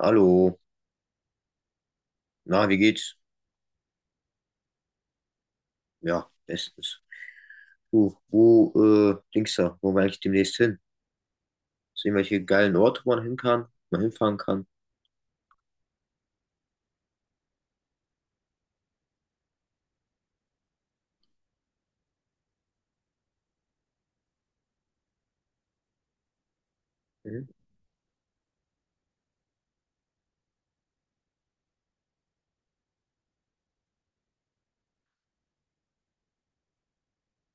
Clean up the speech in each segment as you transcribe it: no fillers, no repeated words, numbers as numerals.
Hallo, na, wie geht's? Ja, bestens. Du, wo, Dings da, wo will ich demnächst hin? Sehen welche geilen Orte, wo man hin kann, man hinfahren kann. Mhm.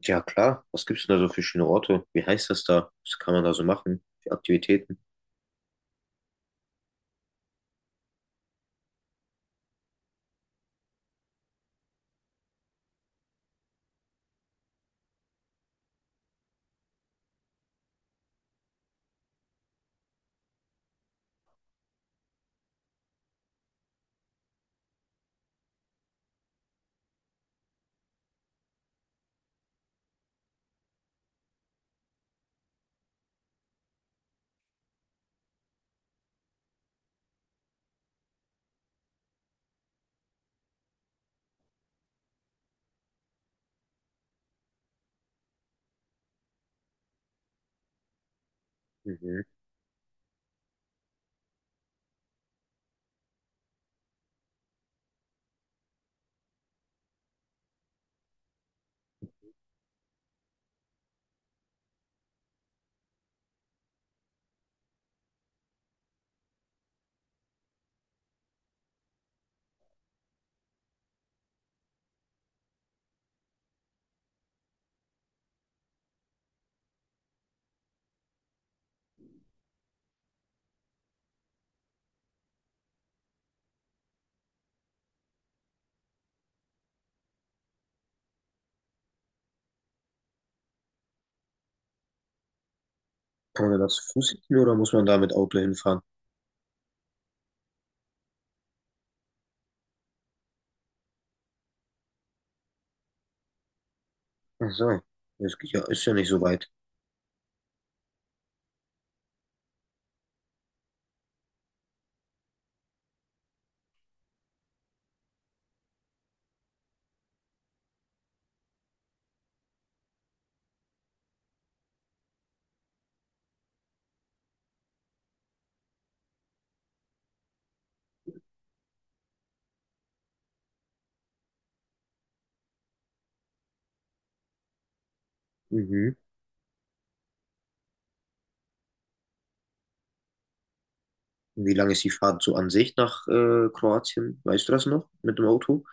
Ja, klar. Was gibt's denn da so für schöne Orte? Wie heißt das da? Was kann man da so machen? Für Aktivitäten? Mhm. Kann man da zu Fuß hin oder muss man da mit Auto hinfahren? Ach so, das geht ja, ist ja nicht so weit. Mhm. Wie lange ist die Fahrt so an sich nach Kroatien? Weißt du das noch mit dem Auto?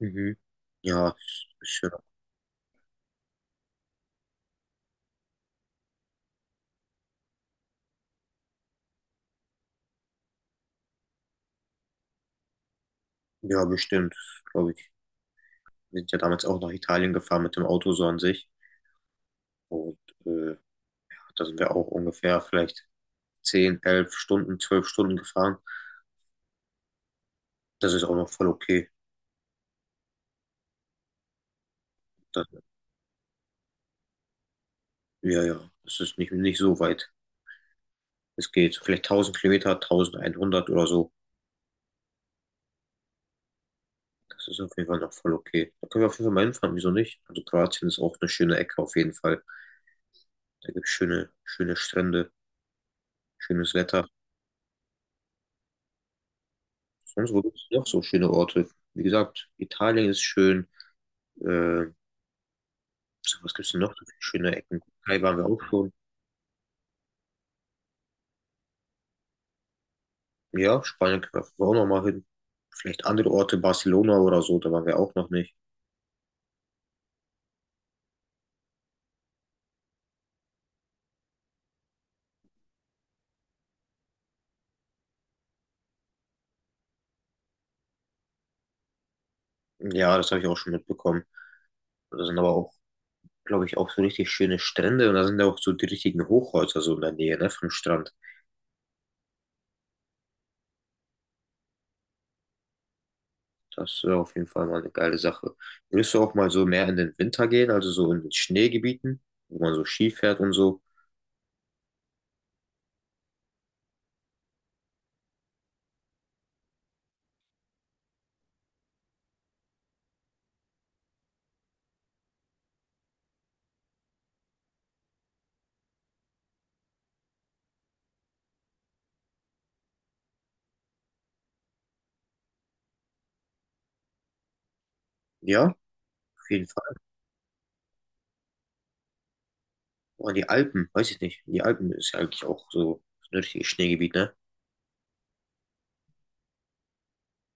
Mhm. Ja, ist ja, ja, bestimmt, glaube ich. Wir sind ja damals auch nach Italien gefahren mit dem Auto so an sich. Und äh, da sind wir auch ungefähr vielleicht 10 11 Stunden, 12 Stunden gefahren. Das ist auch noch voll okay. Das, ja, ja, das ist nicht so weit. Es geht so vielleicht 1000 Kilometer, 1100 oder so. Das ist auf jeden Fall noch voll okay. Da können wir auf jeden Fall mal hinfahren, wieso nicht? Also Kroatien ist auch eine schöne Ecke auf jeden Fall. Da gibt es schöne Strände, schönes Wetter. Sonst wo gibt es noch so schöne Orte? Wie gesagt, Italien ist schön. Äh, so, was gibt es noch so für schöne Ecken? Türkei waren wir auch schon. Ja, Spanien können wir auf jeden Fall auch noch mal hin. Vielleicht andere Orte, Barcelona oder so, da waren wir auch noch nicht. Ja, das habe ich auch schon mitbekommen. Da sind aber auch, glaube ich, auch so richtig schöne Strände und da sind ja auch so die richtigen Hochhäuser so in der Nähe, ne, vom Strand. Das wäre auf jeden Fall mal eine geile Sache. Würdest du auch mal so mehr in den Winter gehen, also so in den Schneegebieten, wo man so Ski fährt und so? Ja, auf jeden Fall. Oder die Alpen, weiß ich nicht. Die Alpen ist ja eigentlich auch so ein richtiges Schneegebiet, ne?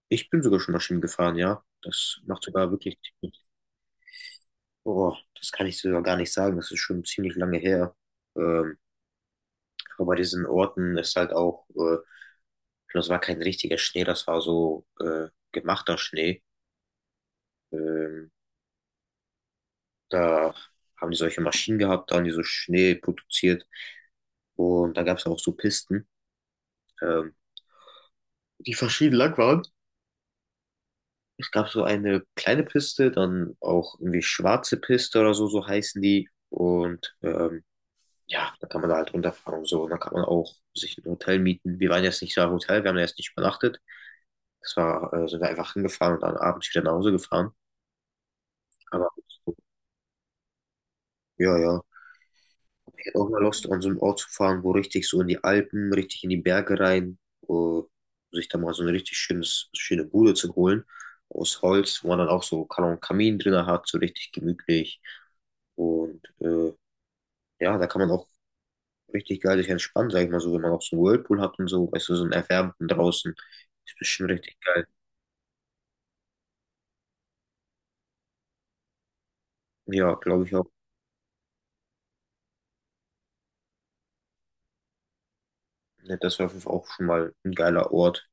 Ich bin sogar schon mal Ski gefahren, ja. Das macht sogar wirklich, boah, das kann ich sogar gar nicht sagen. Das ist schon ziemlich lange her. Ähm, aber bei diesen Orten ist halt auch, das war kein richtiger Schnee, das war so gemachter Schnee. Ähm, Da haben die solche Maschinen gehabt, da haben die so Schnee produziert. Und da gab es auch so Pisten, ähm, die verschieden lang waren. Es gab so eine kleine Piste, dann auch irgendwie schwarze Piste oder so, so heißen die. Und ja, da kann man da halt runterfahren und so. Und dann kann man auch sich ein Hotel mieten. Wir waren jetzt nicht so ein Hotel, wir haben da jetzt nicht übernachtet. Das war, sind wir einfach hingefahren und dann abends wieder nach Hause gefahren. Aber ja, ja, ich hätte auch mal Lust, an so einen Ort zu fahren, wo richtig so in die Alpen, richtig in die Berge rein, wo sich da mal so ein richtig schönes, schöne Bude zu holen aus Holz, wo man dann auch so kann einen Kamin drin hat, so richtig gemütlich. Und ja, da kann man auch richtig geil sich entspannen, sag ich mal so, wenn man auch so einen Whirlpool hat und so, weißt du, so einen erwärmten draußen. Ist bestimmt richtig geil. Ja, glaube ich auch. Ja, das wäre auf jeden Fall auch schon mal ein geiler Ort,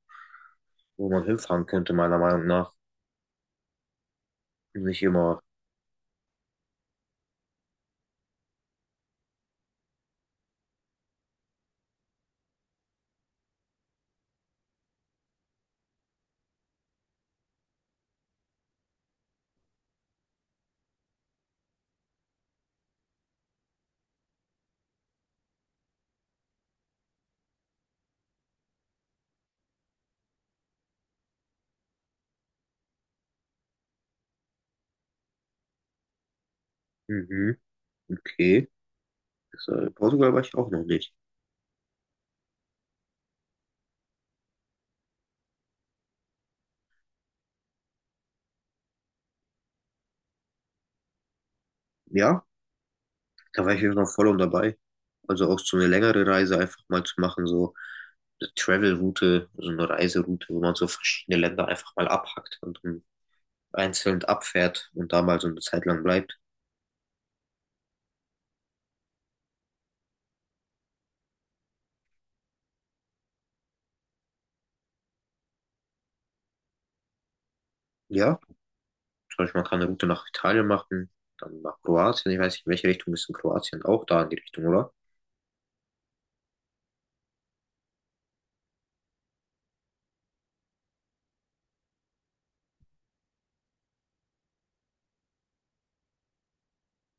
wo man hinfahren könnte, meiner Meinung nach. Nicht immer, mhm, okay. Das, Portugal war ich auch noch nicht. Ja, da war ich jetzt noch voll und dabei. Also auch so eine längere Reise einfach mal zu machen, so eine Travel-Route, so eine Reiseroute, wo man so verschiedene Länder einfach mal abhackt und dann einzeln abfährt und da mal so eine Zeit lang bleibt. Ja, zum Beispiel man kann eine Route nach Italien machen, dann nach Kroatien. Ich weiß nicht, in welche Richtung ist in Kroatien auch da in die Richtung, oder?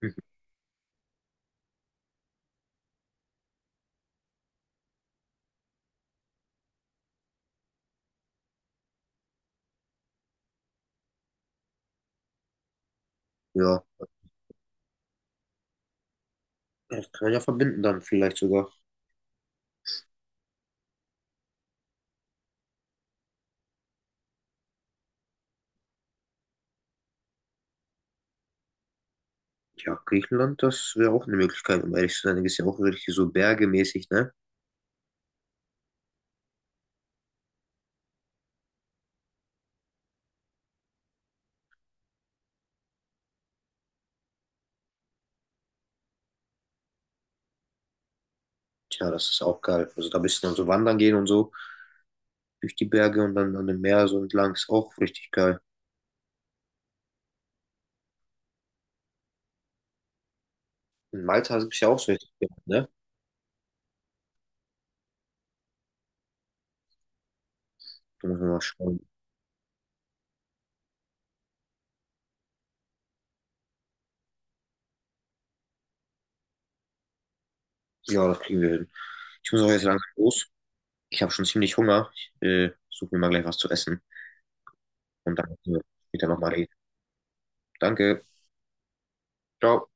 Mhm. Ja, das kann man ja verbinden dann vielleicht sogar. Ja, Griechenland, das wäre auch eine Möglichkeit, um ehrlich zu sein. Da ist ja auch wirklich so bergemäßig, ne? Tja, das ist auch geil. Also da bist du dann so wandern gehen und so, durch die Berge und dann an dem Meer so entlang. Ist auch richtig geil. In Malta gibt es ja auch so richtig Berge, ne? Da müssen wir mal schauen. Ja, das kriegen wir hin. Ich muss auch jetzt langsam los. Ich habe schon ziemlich Hunger. Ich suche mir mal gleich was zu essen. Und dann können wir später nochmal reden. Danke. Ciao.